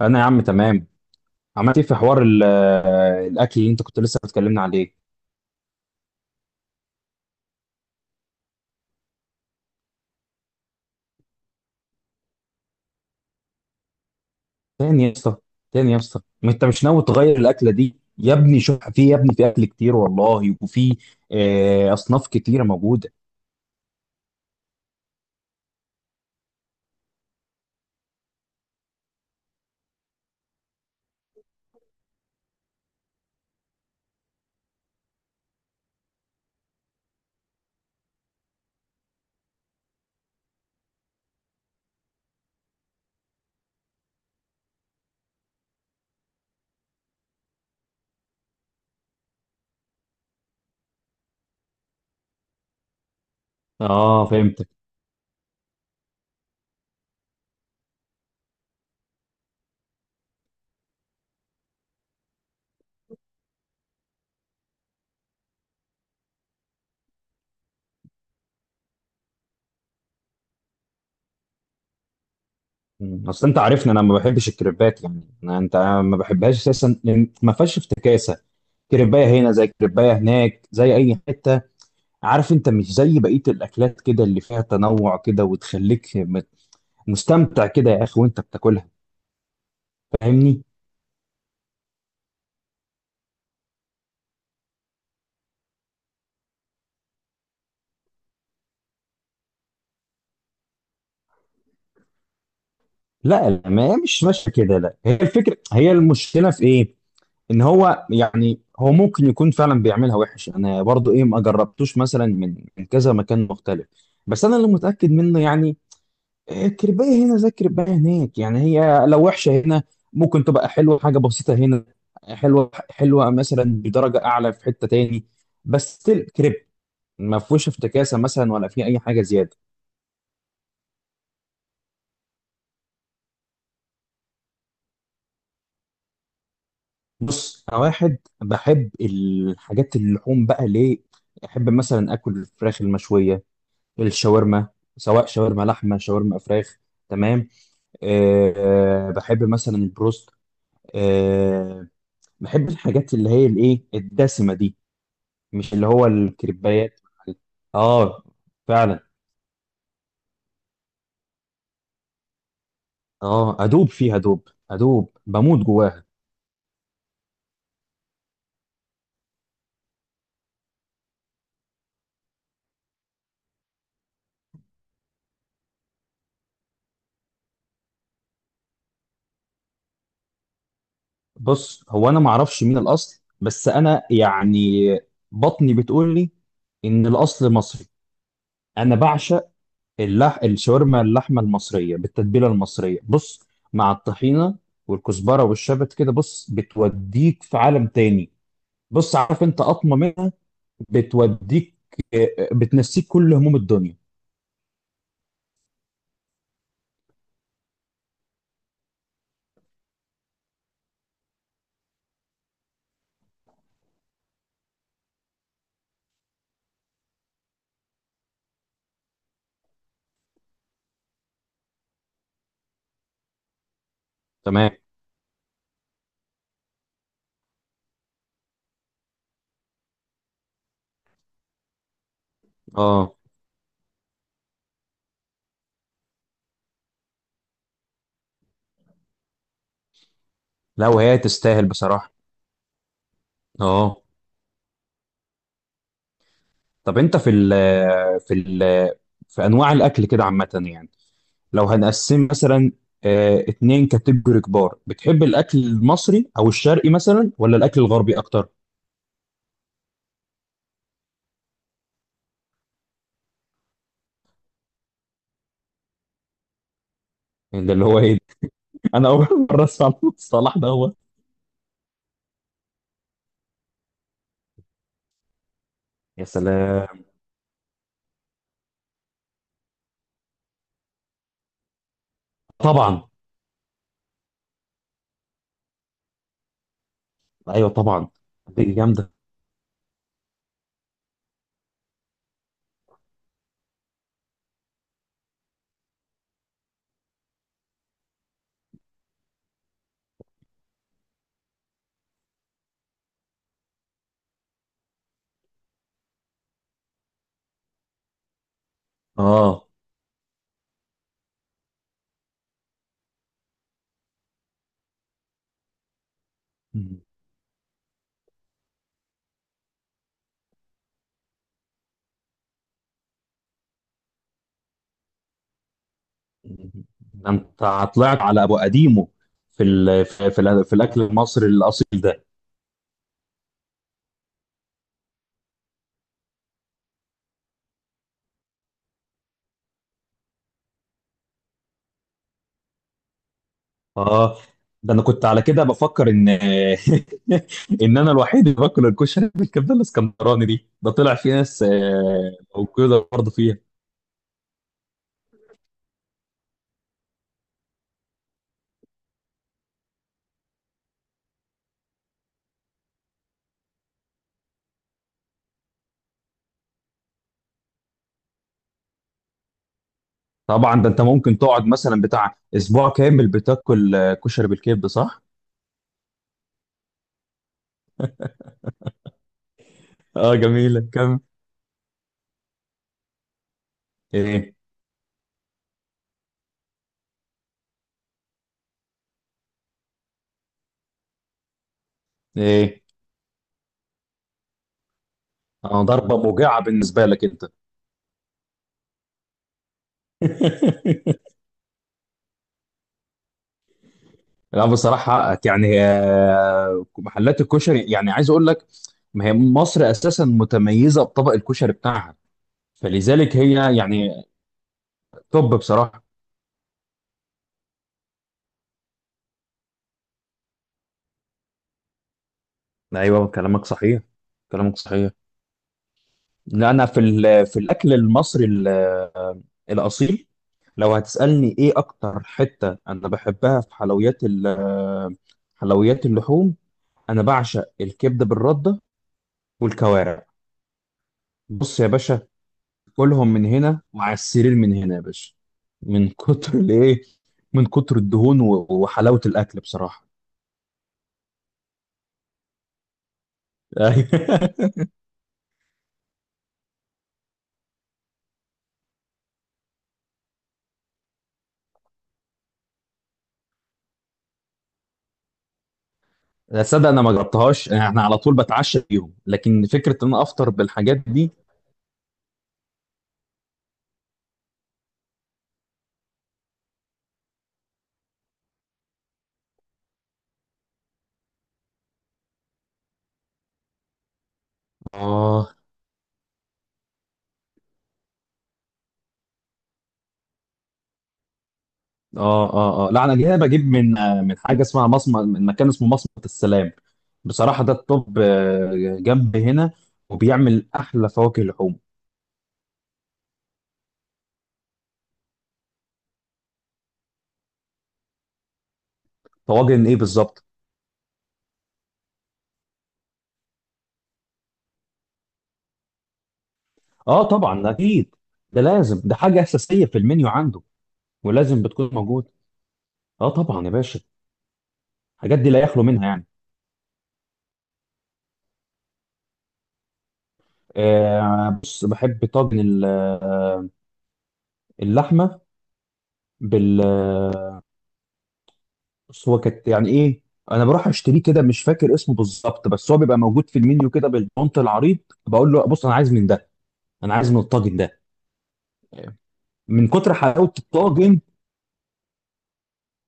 انا يا عم تمام. عملت ايه في حوار الاكل اللي انت كنت لسه بتكلمنا عليه؟ تاني يا اسطى، تاني يا اسطى، ما انت مش ناوي تغير الاكله دي يا ابني؟ شوف في يا ابني، في اكل كتير والله، وفي اصناف كتيره موجوده. اه، فهمتك. اصل انت عارفني انا ما بحبش الكريبات، يعني انا، انت ما بحبهاش اساسا لأن ما فيهاش افتكاسه. كريبايه هنا زي كريبايه هناك زي اي حته، عارف؟ انت مش زي بقيه الاكلات كده اللي فيها تنوع كده وتخليك مستمتع كده يا اخي وانت بتاكلها، فاهمني؟ لا لا، ما هي مش ماشيه كده. لا، هي الفكره، هي المشكله في ايه؟ ان هو يعني، هو ممكن يكون فعلا بيعملها وحش، انا برضو ايه، ما جربتوش مثلا من كذا مكان مختلف، بس انا اللي متاكد منه يعني، إيه، كربايه هنا زي كربايه هناك. يعني هي لو وحشه هنا ممكن تبقى حلوه، حاجه بسيطه هنا حلوه، حلوه مثلا بدرجه اعلى في حته تاني، بس still كريب، ما فيهوش افتكاسه مثلا ولا في اي حاجه زياده. بص انا واحد بحب الحاجات اللحوم بقى، ليه؟ احب مثلا اكل الفراخ المشويه، الشاورما، سواء شاورما لحمه شاورما فراخ، تمام؟ أه. بحب مثلا البروست. أه، بحب الحاجات اللي هي الايه الدسمه دي، مش اللي هو الكريبايات. اه، فعلا. اه، ادوب فيها، ادوب ادوب، بموت جواها. بص هو انا ما اعرفش مين الاصل، بس انا يعني بطني بتقول لي ان الاصل مصري. انا بعشق الشاورما اللحمه المصريه بالتتبيله المصريه، بص، مع الطحينه والكزبره والشبت كده، بص بتوديك في عالم تاني. بص، عارف انت قطمه منها بتوديك، بتنسيك كل هموم الدنيا. تمام، اه. لا وهي تستاهل بصراحه. اه. طب انت في ال في ال في انواع الاكل كده عامه، يعني لو هنقسم مثلا اتنين كاتيجوري كبار، بتحب الاكل المصري او الشرقي مثلا ولا الاكل الغربي اكتر؟ ده اللي هو ايه ده؟ انا اول مره اسمع عن المصطلح ده، هو. يا سلام. طبعا. ايوه طبعا، دي جامده. اه، ده انت طلعت على ابو قديمه في في الاكل المصري الاصيل ده. اه، ده انا كنت على كده بفكر ان انا الوحيد اللي باكل الكشري بالكبده الاسكندراني دي، ده طلع في ناس موجوده برضه فيها. طبعا، ده انت ممكن تقعد مثلا بتاع اسبوع كامل بتاكل كشري بالكبده، صح؟ اه، جميله، كمل. ايه. ايه. انا، ضربه موجعه بالنسبه لك انت. لا بصراحه حقك، يعني محلات الكشري يعني، عايز اقول لك، ما هي مصر اساسا متميزه بطبق الكشري بتاعها، فلذلك هي يعني توب بصراحه. ايوه كلامك صحيح، كلامك صحيح. لا انا في الاكل المصري الاصيل، لو هتسالني ايه اكتر حته انا بحبها في حلويات حلويات اللحوم، انا بعشق الكبده بالرده والكوارع. بص يا باشا، كلهم من هنا وعلى السرير، من هنا يا باشا، من كتر الايه، من كتر الدهون وحلاوه الاكل بصراحه. لا صدق، انا ما جربتهاش، احنا على طول بتعشى بيهم، لكن فكره ان انا افطر بالحاجات دي. اه اه اه، اه لا، انا جاي بجيب من من حاجه اسمها مصمت، من مكان اسمه مصمت السلام بصراحه. ده الطب آه، جنب هنا وبيعمل احلى فواكه لحوم. طواجن ايه بالظبط؟ اه طبعا، اكيد ده لازم، ده حاجه اساسيه في المنيو عنده، ولازم بتكون موجوده. اه طبعا يا باشا، الحاجات دي لا يخلو منها يعني. آه بص، بحب طاجن اللحمه بال آه، بص هو كانت يعني ايه، انا بروح اشتريه كده، مش فاكر اسمه بالظبط، بس هو بيبقى موجود في المنيو كده بالبونت العريض، بقول له بص انا عايز من ده، انا عايز من الطاجن ده، من كتر حلاوه الطاجن.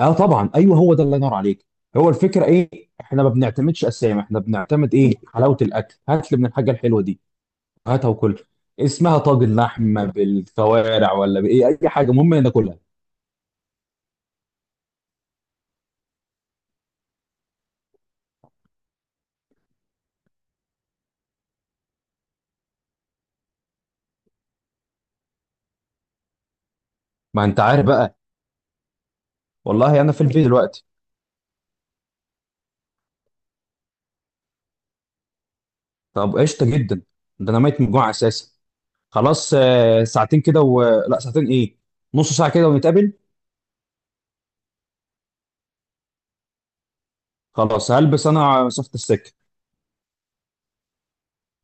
اه طبعا، ايوه هو ده، الله ينور عليك. هو الفكره ايه، احنا ما بنعتمدش اسامي، احنا بنعتمد ايه، حلاوه الاكل، هات لي من الحاجه الحلوه دي، هاتها وكل، اسمها طاجن اللحمه بالكوارع ولا بايه اي حاجه، المهم ناكلها. ما انت عارف بقى، والله انا في البيت دلوقتي. طب قشطه جدا، ده انا ميت من الجوع اساسا، خلاص ساعتين كده و... لا ساعتين ايه، نص ساعه كده ونتقابل. خلاص هلبس، انا صفت السكه.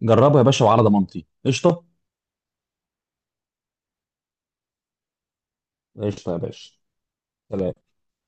جربها يا باشا وعلى ضمانتي قشطه. قشطه يا باشا، سلام.